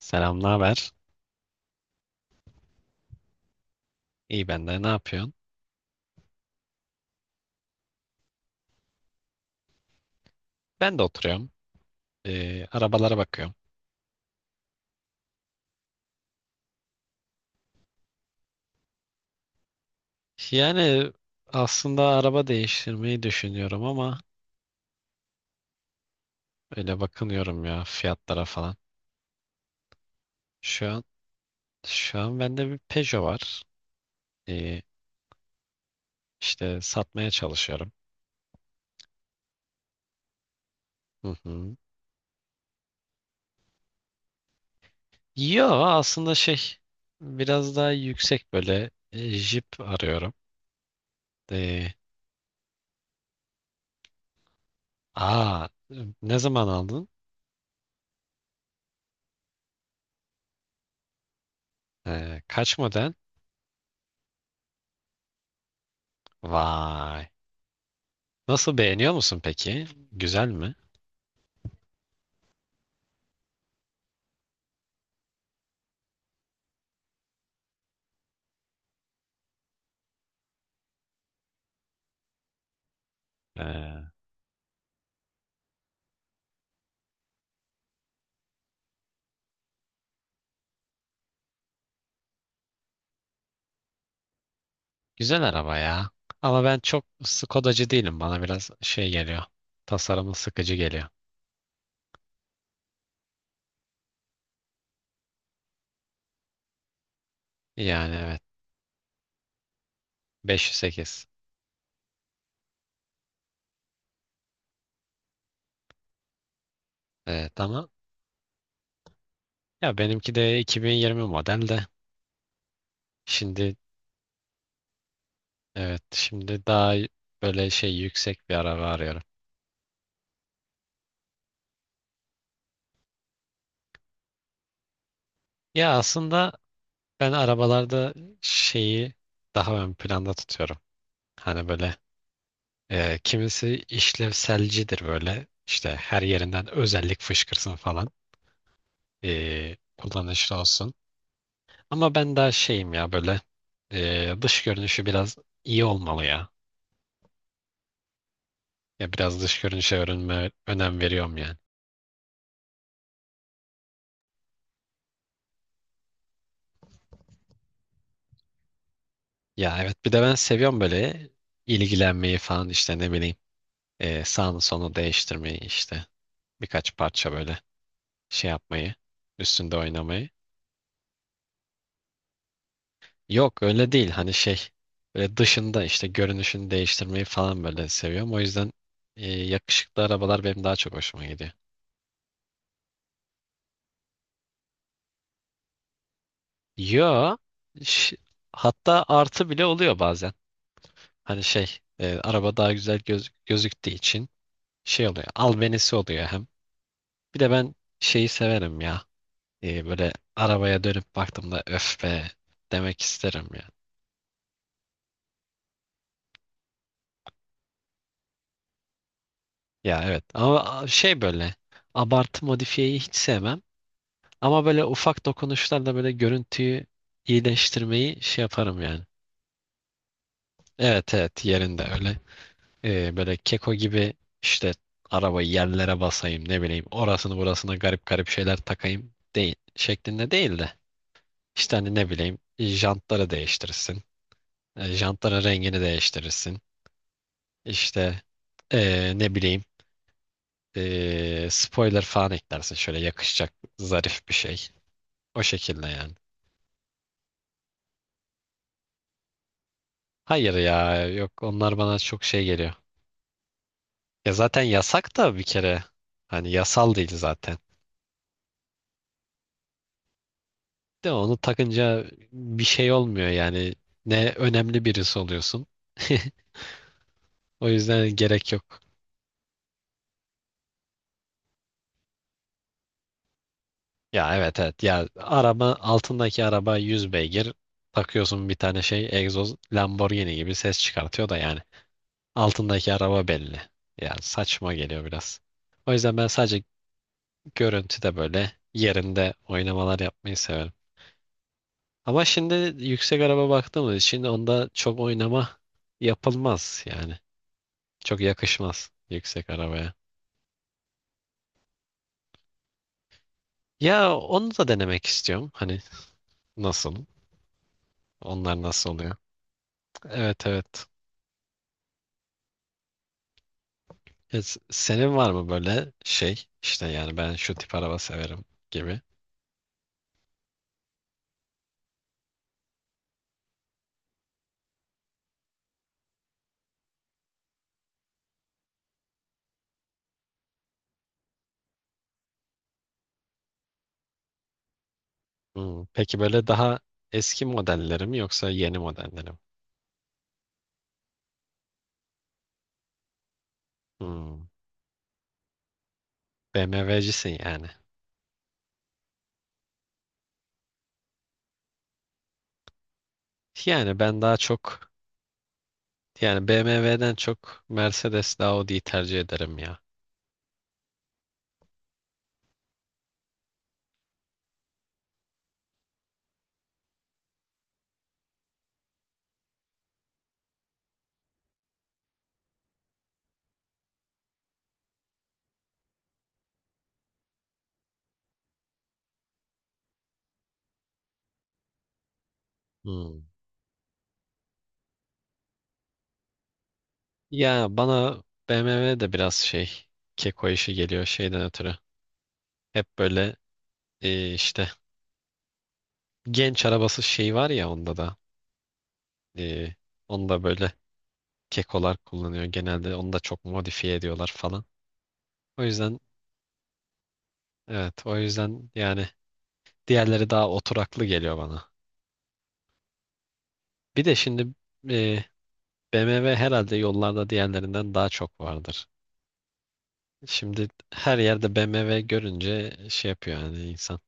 Selam, ne haber? İyi ben de. Ne yapıyorsun? Ben de oturuyorum. Arabalara bakıyorum. Yani aslında araba değiştirmeyi düşünüyorum ama öyle bakınıyorum ya fiyatlara falan. Şu an şu an bende bir Peugeot var. Ee, işte satmaya çalışıyorum. Hı hı. Yo, aslında şey, biraz daha yüksek böyle Jeep arıyorum. Ee, aa Ne zaman aldın? Kaç model? Vay. Nasıl, beğeniyor musun peki? Güzel mi? Ee, Güzel araba ya. Ama ben çok Skodacı değilim. Bana biraz şey geliyor. Tasarımı sıkıcı geliyor. Yani evet. 508. Evet ama ya benimki de 2020 model de. Şimdi, evet, şimdi daha böyle şey yüksek bir araba arıyorum. Ya aslında ben arabalarda şeyi daha ön planda tutuyorum. Hani böyle, kimisi işlevselcidir böyle. İşte her yerinden özellik fışkırsın falan. Kullanışlı olsun. Ama ben daha şeyim ya, böyle dış görünüşü biraz iyi olmalı ya. Ya biraz dış görünüşe önem veriyorum yani. Ya evet, bir de ben seviyorum böyle ilgilenmeyi falan, işte ne bileyim sağını solunu değiştirmeyi, işte birkaç parça böyle şey yapmayı, üstünde oynamayı. Yok, öyle değil, hani şey, böyle dışında işte görünüşünü değiştirmeyi falan böyle seviyorum. O yüzden yakışıklı arabalar benim daha çok hoşuma gidiyor. Yo, ş- hatta artı bile oluyor bazen. Hani şey, araba daha güzel gözüktüğü için şey oluyor, albenisi oluyor hem. Bir de ben şeyi severim ya. Böyle arabaya dönüp baktığımda öf be demek isterim ya. Ya evet, ama şey, böyle abartı modifiyeyi hiç sevmem. Ama böyle ufak dokunuşlarla böyle görüntüyü iyileştirmeyi şey yaparım yani. Evet, evet, yerinde öyle. Böyle keko gibi, işte arabayı yerlere basayım, ne bileyim orasını burasına garip garip şeyler takayım değil şeklinde değil de, işte hani ne bileyim jantları değiştirirsin. Jantların rengini değiştirirsin. İşte, ne bileyim, spoiler falan eklersin şöyle, yakışacak zarif bir şey. O şekilde yani. Hayır ya, yok, onlar bana çok şey geliyor. Ya zaten yasak da bir kere. Hani yasal değil zaten. De onu takınca bir şey olmuyor yani. Ne önemli birisi oluyorsun. O yüzden gerek yok. Ya evet, evet. Ya araba, altındaki araba 100 beygir. Takıyorsun bir tane şey egzoz, Lamborghini gibi ses çıkartıyor da yani. Altındaki araba belli. Ya saçma geliyor biraz. O yüzden ben sadece görüntüde böyle yerinde oynamalar yapmayı severim. Ama şimdi yüksek araba baktığımız için onda çok oynama yapılmaz yani. Çok yakışmaz yüksek arabaya. Ya onu da denemek istiyorum. Hani nasıl? Onlar nasıl oluyor? Evet, evet. Ya, senin var mı böyle şey? İşte yani ben şu tip araba severim gibi. Hmm, peki böyle daha eski modelleri mi yoksa yeni modelleri mi? Hmm. BMW'cisin yani. Yani ben daha çok, yani BMW'den çok Mercedes, Audi'yi tercih ederim ya. Hmm. Ya bana BMW de biraz şey, keko işi geliyor şeyden ötürü. Hep böyle işte genç arabası şey var ya, onda da e, onda böyle kekolar kullanıyor genelde, onu da çok modifiye ediyorlar falan. O yüzden evet, o yüzden yani diğerleri daha oturaklı geliyor bana. Bir de şimdi e, BMW herhalde yollarda diğerlerinden daha çok vardır. Şimdi her yerde BMW görünce şey yapıyor yani insan,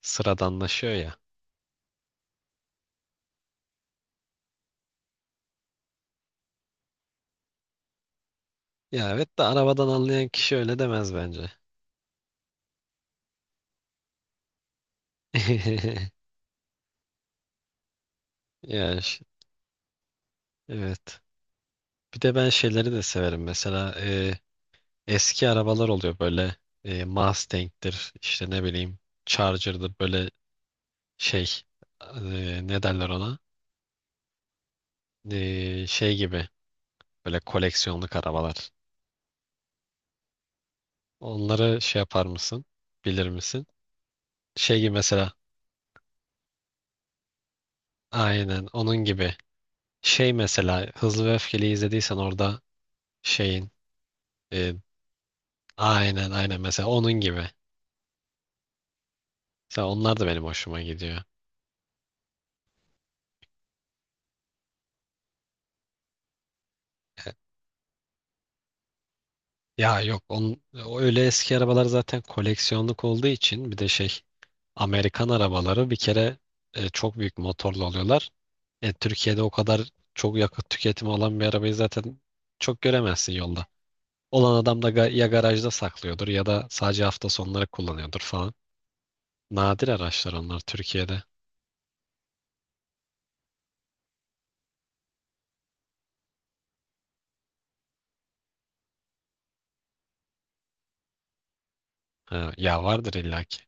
sıradanlaşıyor ya. Ya evet de arabadan anlayan kişi öyle demez bence. Ya, evet. Bir de ben şeyleri de severim. Mesela eski arabalar oluyor böyle, Mustang'dir, işte ne bileyim Charger'dır böyle şey, ne derler ona? Şey gibi, böyle koleksiyonluk arabalar. Onları şey yapar mısın? Bilir misin? Şey gibi mesela, aynen onun gibi. Şey mesela, Hızlı ve Öfkeli izlediysen orada, şeyin, e, aynen, aynen mesela onun gibi. Mesela onlar da benim hoşuma gidiyor. E, Ya yok, o öyle eski arabalar zaten, koleksiyonluk olduğu için bir de şey, Amerikan arabaları bir kere çok büyük motorlu oluyorlar. Türkiye'de o kadar çok yakıt tüketimi olan bir arabayı zaten çok göremezsin yolda. Olan adam da ya garajda saklıyordur ya da sadece hafta sonları kullanıyordur falan. Nadir araçlar onlar Türkiye'de. Ha, ya vardır illaki.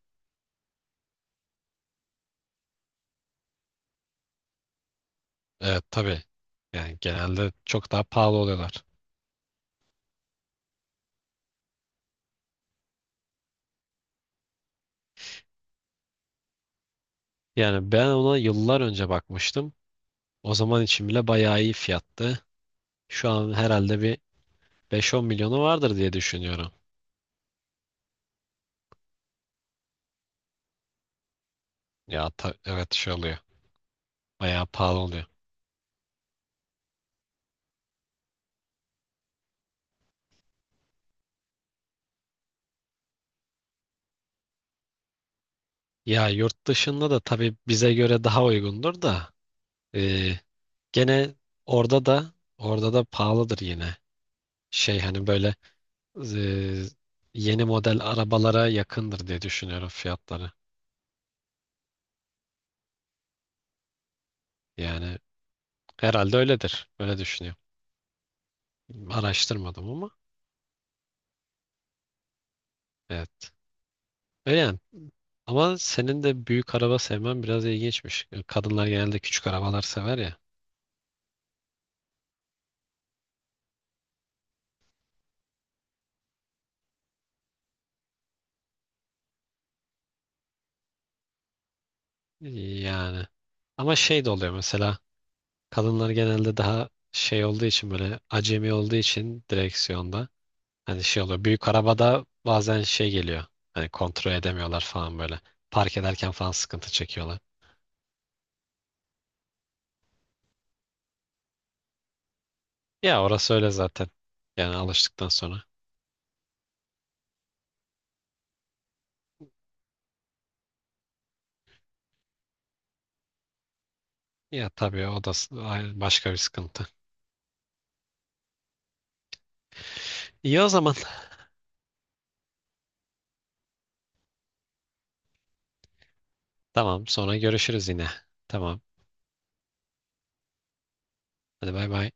Evet, tabii. Yani genelde çok daha pahalı oluyorlar. Yani ben ona yıllar önce bakmıştım. O zaman için bile bayağı iyi fiyattı. Şu an herhalde bir beş on milyonu vardır diye düşünüyorum. Ya, evet, şey oluyor. Bayağı pahalı oluyor. Ya yurt dışında da tabii bize göre daha uygundur da, e, gene orada da orada da pahalıdır yine. Şey, hani böyle, e, yeni model arabalara yakındır diye düşünüyorum fiyatları. Yani herhalde öyledir. Öyle düşünüyorum. Araştırmadım ama evet. Öyle yani. Ama senin de büyük araba sevmen biraz ilginçmiş. Kadınlar genelde küçük arabalar sever ya. Yani. Ama şey de oluyor mesela. Kadınlar genelde daha şey olduğu için, böyle acemi olduğu için direksiyonda. Hani şey oluyor. Büyük arabada bazen şey geliyor. Hani kontrol edemiyorlar falan böyle. Park ederken falan sıkıntı çekiyorlar. Ya orası öyle zaten. Yani alıştıktan sonra. Ya tabii, o da başka bir sıkıntı. İyi o zaman. Tamam, sonra görüşürüz yine. Tamam. Hadi, bay bay.